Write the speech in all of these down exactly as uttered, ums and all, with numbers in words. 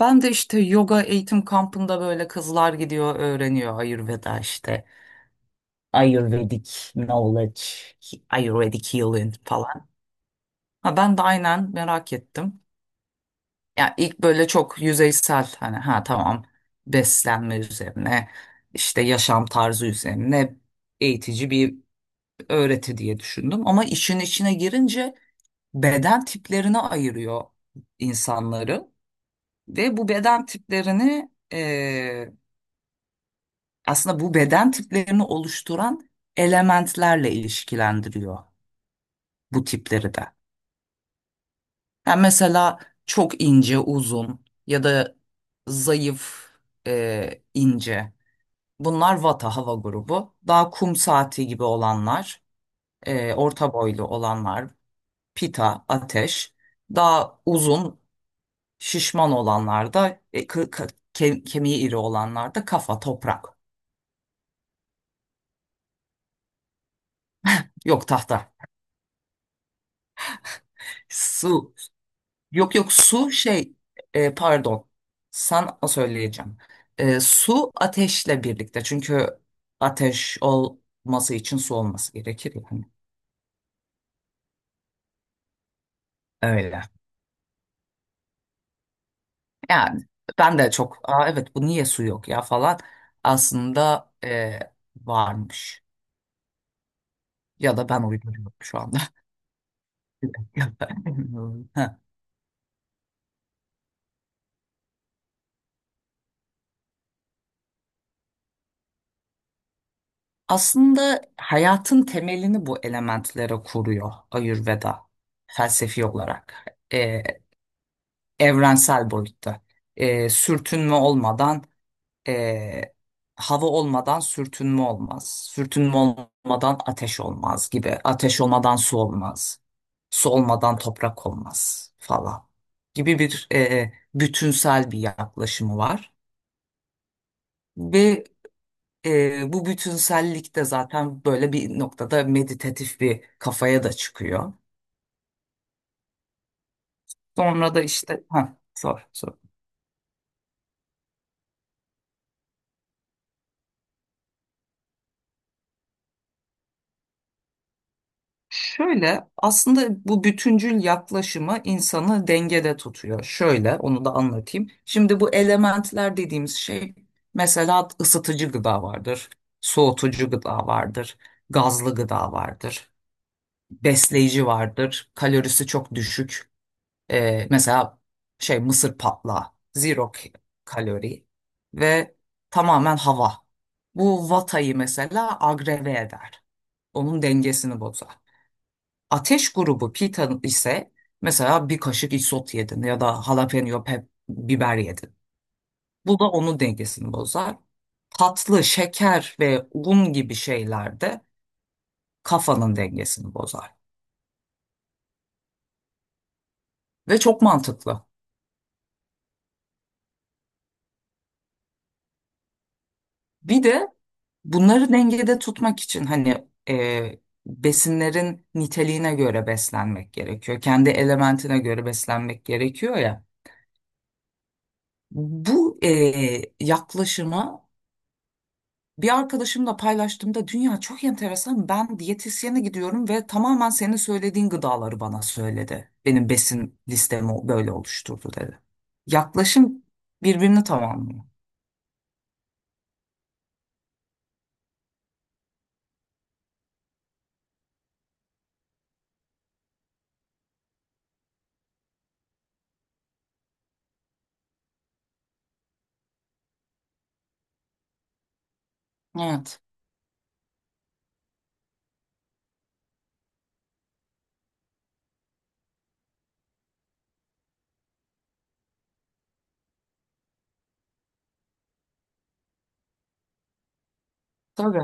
Ben de işte yoga eğitim kampında böyle kızlar gidiyor öğreniyor Ayurveda işte. Ayurvedic knowledge, Ayurvedic healing falan. Ha, ben de aynen merak ettim. Ya ilk böyle çok yüzeysel, hani, ha, tamam, beslenme üzerine, işte yaşam tarzı üzerine eğitici bir öğreti diye düşündüm. Ama işin içine girince beden tiplerine ayırıyor insanları ve bu beden tiplerini, aslında bu beden tiplerini oluşturan elementlerle ilişkilendiriyor bu tipleri de. Yani mesela çok ince, uzun ya da zayıf, e, ince. Bunlar vata, hava grubu. Daha kum saati gibi olanlar, e, orta boylu olanlar, pita, ateş. Daha uzun, şişman olanlar da, e, kı- kı- ke- kemiği iri olanlar da kafa, toprak. Yok, tahta, su. Yok, yok, su, şey e, pardon, sana söyleyeceğim. E, su ateşle birlikte, çünkü ateş olması için su olması gerekir yani. Öyle. Yani ben de çok, "Aa, evet, bu niye su yok ya" falan, aslında e, varmış. Ya da ben uyduruyorum şu anda. Heh. Aslında hayatın temelini bu elementlere kuruyor Ayurveda, felsefi olarak. E, Evrensel boyutta. E, sürtünme olmadan, e, hava olmadan sürtünme olmaz. Sürtünme olmadan ateş olmaz gibi. Ateş olmadan su olmaz. Su olmadan toprak olmaz falan gibi, bir e, bütünsel bir yaklaşımı var. Ve e, bu bütünsellik de zaten böyle bir noktada meditatif bir kafaya da çıkıyor. Sonra da işte, ha, sor, sor. Şöyle, aslında bu bütüncül yaklaşımı insanı dengede tutuyor. Şöyle onu da anlatayım. Şimdi bu elementler dediğimiz şey, mesela ısıtıcı gıda vardır, soğutucu gıda vardır, gazlı gıda vardır, besleyici vardır, kalorisi çok düşük. Ee, mesela, şey mısır patlağı, zero k- kalori ve tamamen hava. Bu vatayı mesela agreve eder. Onun dengesini bozar. Ateş grubu pita ise, mesela bir kaşık isot yedin ya da jalapeno pep biber yedin. Bu da onun dengesini bozar. Tatlı, şeker ve un gibi şeyler de kafanın dengesini bozar. Ve çok mantıklı. Bir de bunları dengede tutmak için, hani, e, besinlerin niteliğine göre beslenmek gerekiyor. Kendi elementine göre beslenmek gerekiyor ya. Bu e, yaklaşıma, bir arkadaşımla paylaştığımda, "Dünya çok enteresan. Ben diyetisyene gidiyorum ve tamamen senin söylediğin gıdaları bana söyledi. Benim besin listemi böyle oluşturdu" dedi. Yaklaşım birbirini tamamlıyor. Evet. Tabii.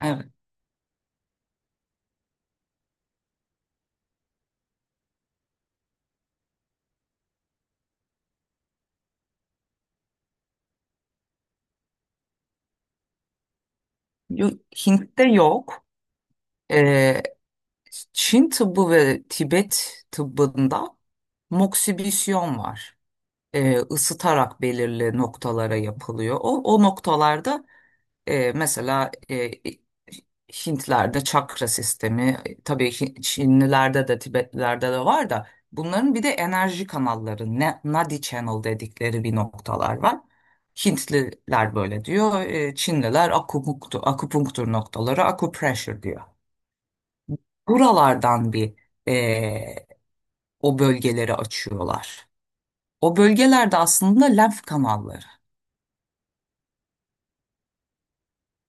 Evet. Yo- Hint'te yok. Ee, Çin tıbbı ve Tibet tıbbında moksibisyon var. e, ısıtarak belirli noktalara yapılıyor. O, o noktalarda, e, mesela, e, Hintlerde çakra sistemi, tabii Hi- Çinlilerde de Tibetlilerde de var da, bunların bir de enerji kanalları, ne, Nadi Channel dedikleri bir noktalar var. Hintliler böyle diyor, e, Çinliler akupunktur, akupunktur noktaları, acupressure diyor. Buralardan bir e, o bölgeleri açıyorlar. O bölgelerde aslında lenf kanalları.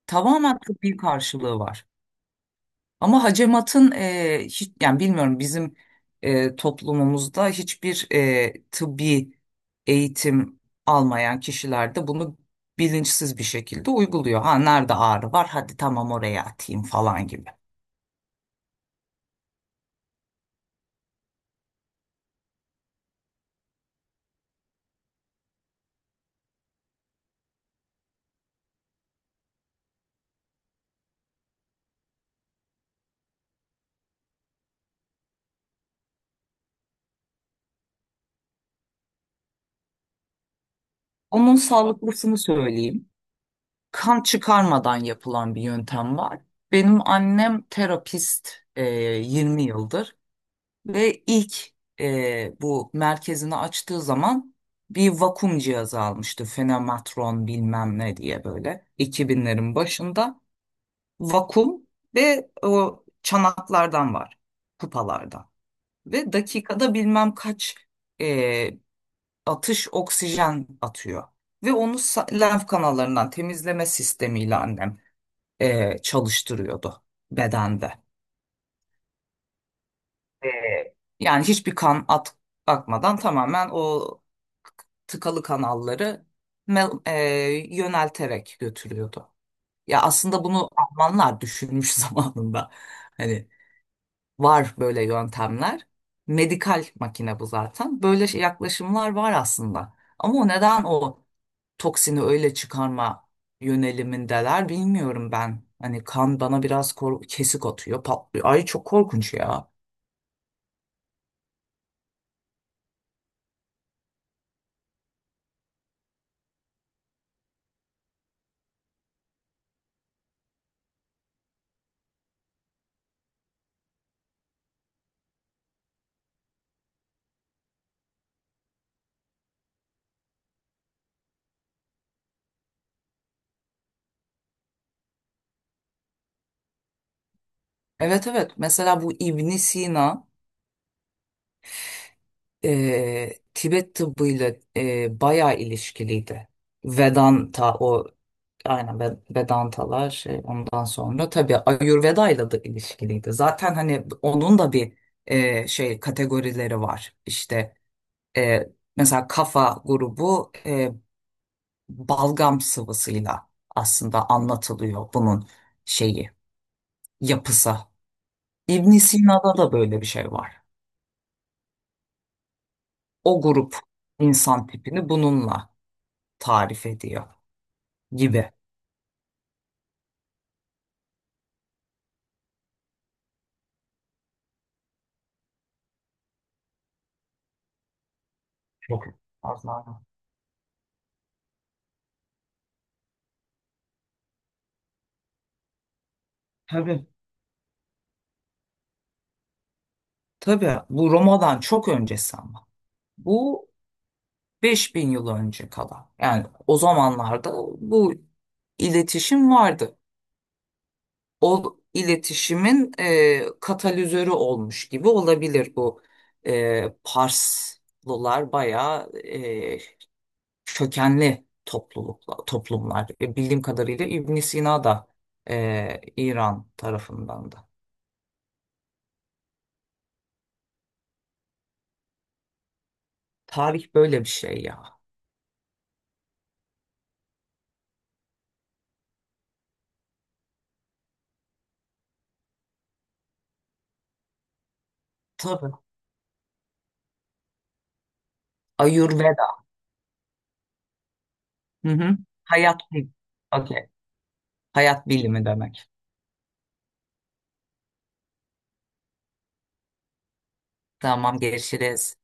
Tamamen tıbbi karşılığı var. Ama hacamatın, e, hiç, yani, bilmiyorum, bizim e, toplumumuzda hiçbir e, tıbbi eğitim almayan kişiler de bunu bilinçsiz bir şekilde uyguluyor. Ha, nerede ağrı var? Hadi tamam, oraya atayım falan gibi. Onun sağlıklısını söyleyeyim. Kan çıkarmadan yapılan bir yöntem var. Benim annem terapist, e, yirmi yıldır, ve ilk e, bu merkezini açtığı zaman bir vakum cihazı almıştı. Fenomatron bilmem ne diye, böyle iki binlerin başında. Vakum ve o çanaklardan var, kupalardan. Ve dakikada bilmem kaç e, atış oksijen atıyor. Ve onu sa- lenf kanallarından temizleme sistemiyle annem e, çalıştırıyordu bedende. E, Yani hiçbir kan at akmadan, tamamen o tıkalı kanalları mel- e, yönelterek götürüyordu. Ya aslında bunu Almanlar düşünmüş zamanında. Hani, var böyle yöntemler. Medikal makine bu zaten. Böyle şey- yaklaşımlar var aslında. Ama o neden o toksini öyle çıkarma yönelimindeler, bilmiyorum ben. Hani kan bana biraz, kor- kesik atıyor, patlıyor. Ay çok korkunç ya. Evet, evet. Mesela bu ibn Sina e, Tibet tıbbıyla e, bayağı ilişkiliydi. Vedanta, o, aynen, Ve- Vedantalar, şey ondan sonra, tabii Ayurveda ile de ilişkiliydi. Zaten hani onun da bir e, şey kategorileri var. İşte e, mesela kafa grubu e, balgam sıvısıyla aslında anlatılıyor bunun şeyi yapısı. İbn Sina'da da böyle bir şey var. O grup insan tipini bununla tarif ediyor gibi. Çok fazla. Tabii, tabii, bu Roma'dan çok öncesi ama. Bu beş bin yıl önce kadar. Yani o zamanlarda bu iletişim vardı. O iletişimin e, katalizörü olmuş gibi olabilir bu. e, Parslılar bayağı e, kökenli toplulukla, toplumlar. E, Bildiğim kadarıyla ibn Sina da e, İran tarafından da. Tarih böyle bir şey ya. Tabii. Ayurveda. Hı hı. Hayat bilimi. Hayat bilimi demek. Tamam, görüşürüz.